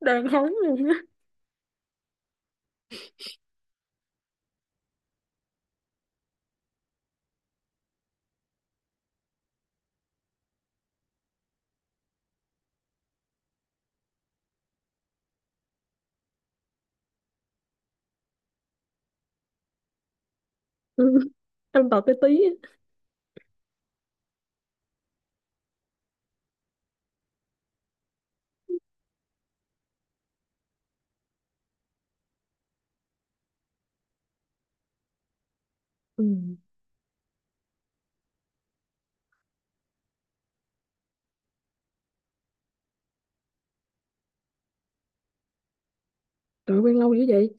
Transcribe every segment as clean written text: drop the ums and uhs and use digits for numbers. Đàn hóng luôn á. Ừ. Em tập cái tí á. Ừ. Trời, quen lâu dữ vậy.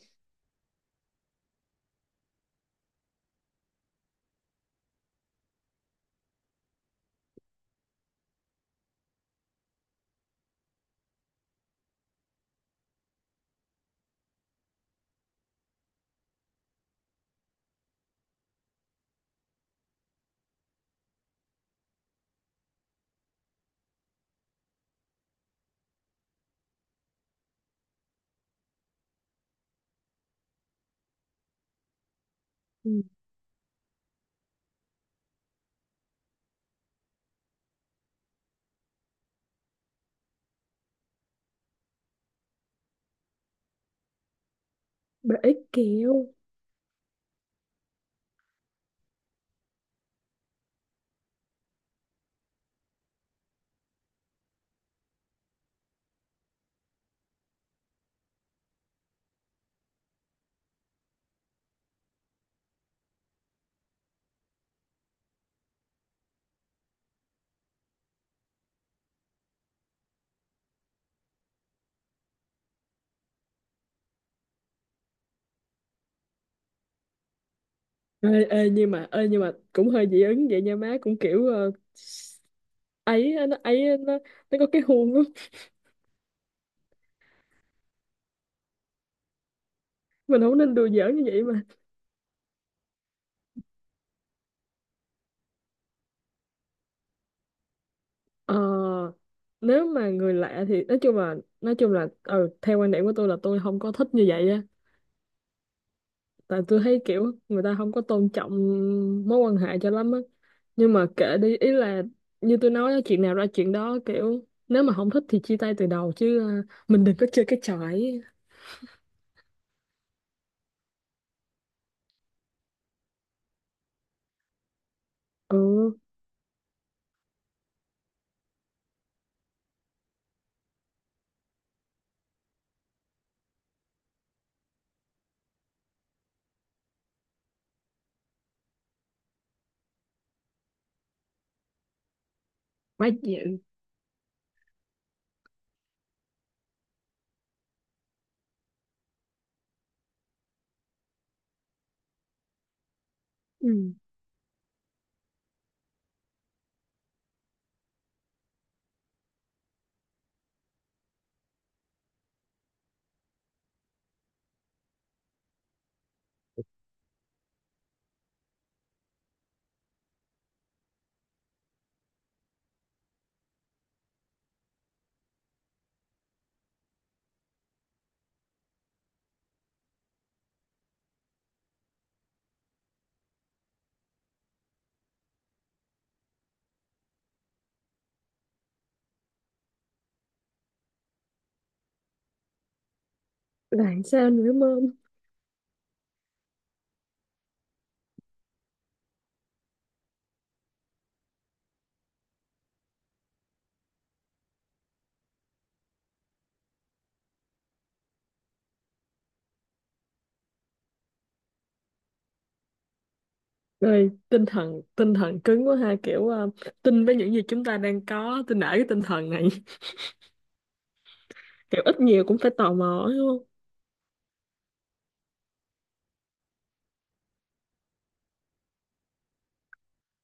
Ừ. Bà ấy kẹo. Ê, ê, nhưng mà cũng hơi dị ứng vậy nha má, cũng ấy á, nó có cái huông á. Mình không nên đùa giỡn như vậy mà. ờ, Nếu mà người lạ thì nói chung là ừ, theo quan điểm của tôi là tôi không có thích như vậy á. Tại tôi thấy kiểu người ta không có tôn trọng mối quan hệ cho lắm á, nhưng mà kệ đi, ý là như tôi nói á, chuyện nào ra chuyện đó, kiểu nếu mà không thích thì chia tay từ đầu chứ, mình đừng có chơi cái trò ấy. Ừ. Quá dịu. Ừ. Làm sao nữa mơm? Rồi tinh thần cứng quá ha, kiểu tin với những gì chúng ta đang có, tin, nể cái tinh thần này. Kiểu ít nhiều cũng phải tò mò ấy, đúng không?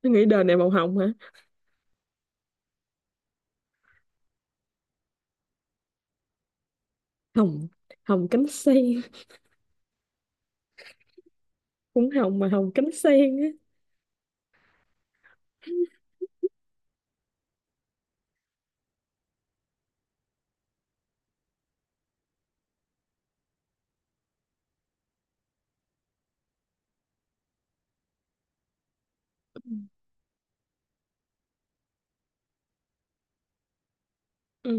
Tôi nghĩ đời này màu hồng hả? Hồng. Hồng cánh sen. Cũng hồng mà hồng cánh sen á. Ừ,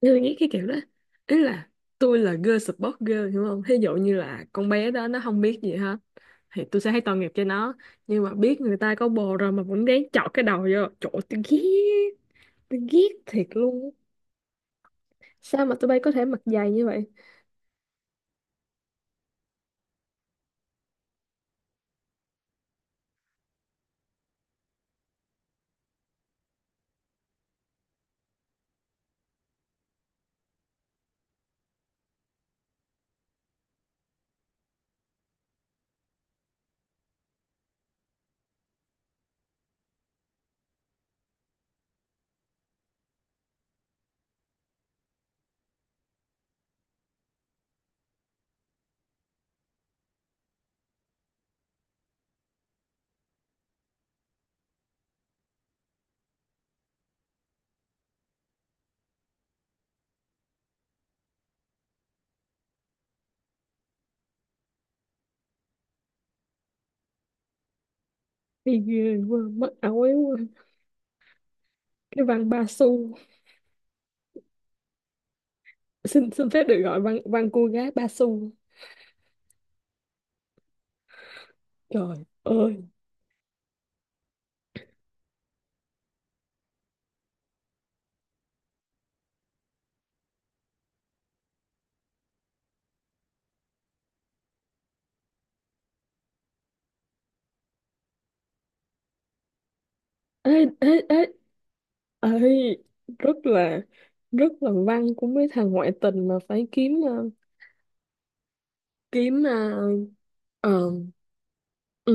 tôi nghĩ cái kiểu đó, ý là tôi là girl support girl, hiểu không? Thí dụ như là con bé đó nó không biết gì hết thì tôi sẽ thấy tội nghiệp cho nó, nhưng mà biết người ta có bồ rồi mà vẫn ráng chọt cái đầu vô chỗ, tôi ghét. Tôi ghét thiệt luôn á. Sao mà tụi bay có thể mặc dày như vậy? Thì ghê quá, mất áo quá. Cái văn ba xu. Xin xin phép được gọi văn văn cô gái ba xu. Trời ơi. Ê, ê, ê, ấy, rất là rất là văn của mấy thằng ngoại tình mà phải kiếm kiếm, ờ, ừ,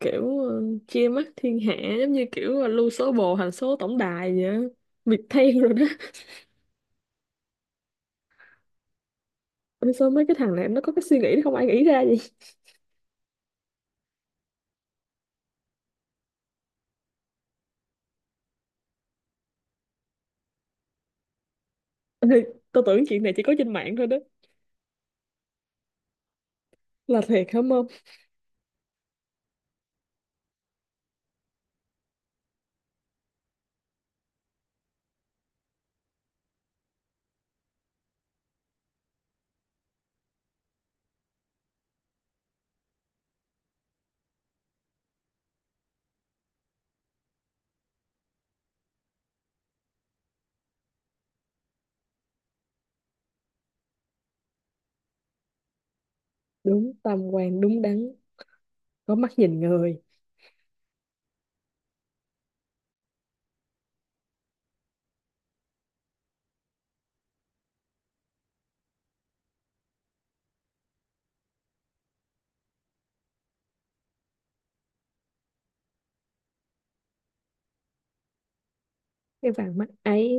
kiểu chia mắt thiên hạ, giống như kiểu là lưu số bồ thành số tổng đài vậy á. Việc thay rồi đó. Ôi, sao mấy cái thằng này nó có cái suy nghĩ đó, không ai nghĩ ra vậy. Ê, tôi tưởng chuyện này chỉ có trên mạng thôi đó, là thiệt không? Không, đúng tam quan đúng đắn, có mắt nhìn người. Cái vàng mắt ấy.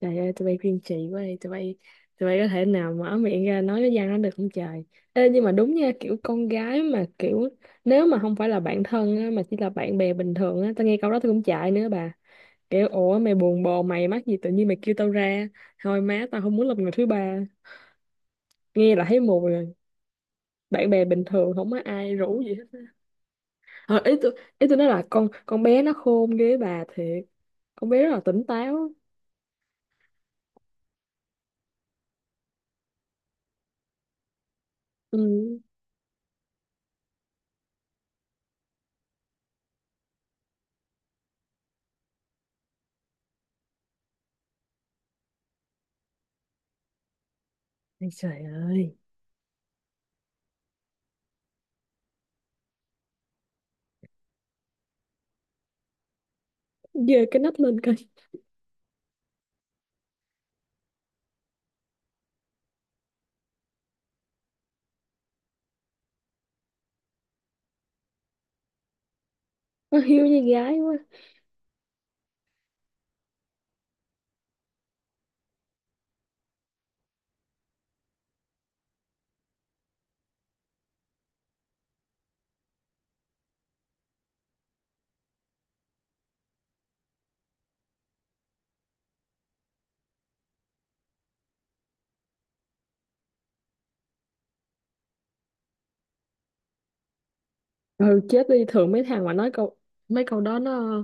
Trời ơi, tụi bay kiên trì quá đi, tụi bay có thể nào mở miệng ra nói cái văn đó được không trời? Ê, nhưng mà đúng nha, kiểu con gái mà kiểu nếu mà không phải là bạn thân á, mà chỉ là bạn bè bình thường á, tao nghe câu đó tao cũng chạy nữa bà. Kiểu ủa, mày buồn bồ, mày mắc gì tự nhiên mày kêu tao ra. Thôi má, tao không muốn làm người thứ ba. Nghe là thấy mùi rồi. Bạn bè bình thường không có ai rủ gì hết. Ờ, ý tôi nói là con bé nó khôn ghê bà thiệt. Con bé rất là tỉnh táo. Ừ. Ây trời ơi. Giơ cái nách lên coi. Nó hiếu như gái quá. Ừ, chết đi. Thường mấy thằng mà nói mấy câu đó nó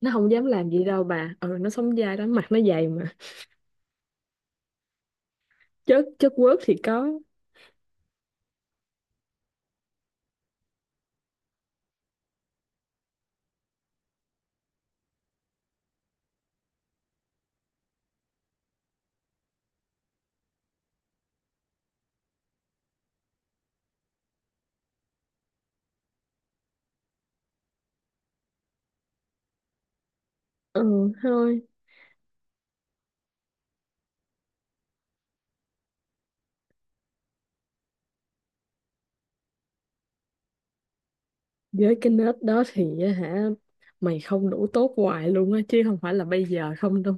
nó không dám làm gì đâu bà. Ừ, nó sống dai đó, mặt nó dày mà. Chất chất quớt thì có. Ừ thôi, với cái nết đó thì á hả? Mày không đủ tốt hoài luôn á, chứ không phải là bây giờ không đâu.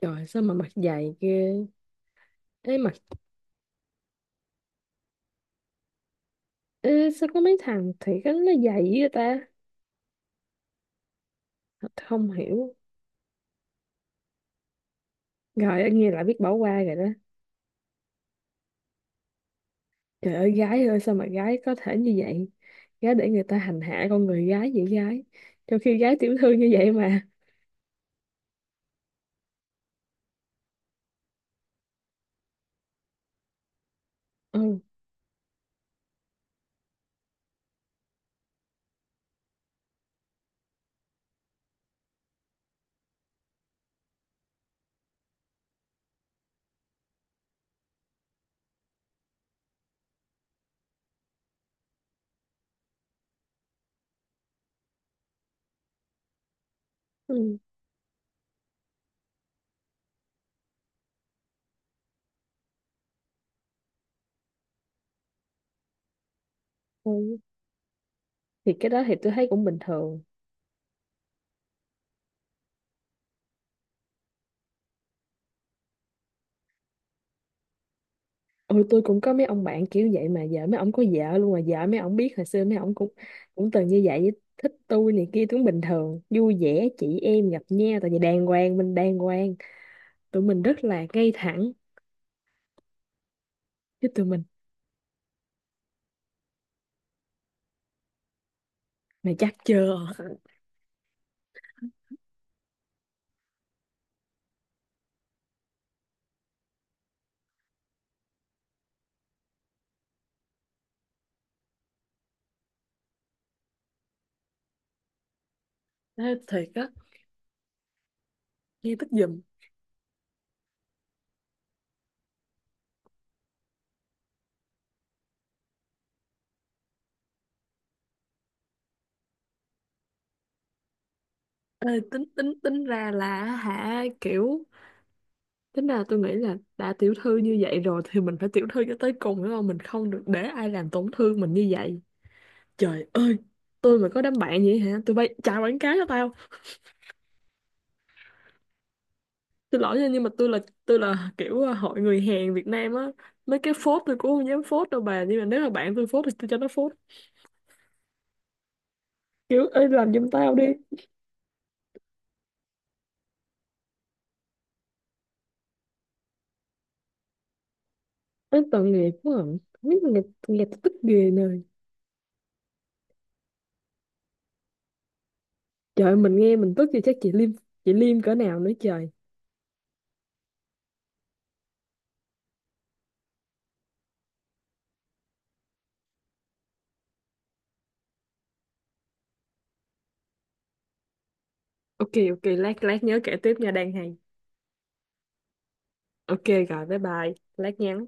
Trời, sao mà mặt dày ghê. Ê mặt ê sao có mấy thằng thì cái nó dày vậy ta? Không hiểu. Rồi nghe lại biết bỏ qua rồi đó. Trời ơi, gái ơi, sao mà gái có thể như vậy? Gái để người ta hành hạ con người gái vậy gái. Trong khi gái tiểu thư như vậy mà. Ừ. Ừ. Ừ. Thì cái đó thì tôi thấy cũng bình thường. Ừ, tôi cũng có mấy ông bạn kiểu vậy mà. Vợ mấy ông có vợ luôn mà. Vợ mấy ông biết hồi xưa mấy ông cũng cũng từng như vậy. Thích tôi này kia cũng bình thường. Vui vẻ chị em gặp nhau. Tại vì đàng hoàng mình đàng hoàng. Tụi mình rất là ngay thẳng. Chứ tụi mình mày chắc chưa. Thế thiệt á, nghe tức giùm. Ê, tính tính tính ra là hả, kiểu tính ra tôi nghĩ là đã tiểu thư như vậy rồi thì mình phải tiểu thư cho tới cùng, đúng không? Mình không được để ai làm tổn thương mình như vậy. Trời ơi, tôi mà có đám bạn vậy hả, tôi bay chào quảng cáo cho tao. Xin lỗi nha, nhưng mà tôi là hội người Hàn Việt Nam á. Mấy cái phốt tôi cũng không dám phốt đâu bà, nhưng mà nếu mà bạn tôi phốt thì tôi cho nó phốt. Kiểu ơi, làm giùm tao đi. Ê, tội nghiệp quá à. Không biết. Tội nghiệp, tội nghiệp, tôi tức ghê nơi. Trời, mình nghe mình tức thì chắc chị Liêm, chị Liêm cỡ nào nữa trời. Ok ok, lát lát nhớ kể tiếp nha, đang hay. Ok. Rồi bye bye, lát nhắn.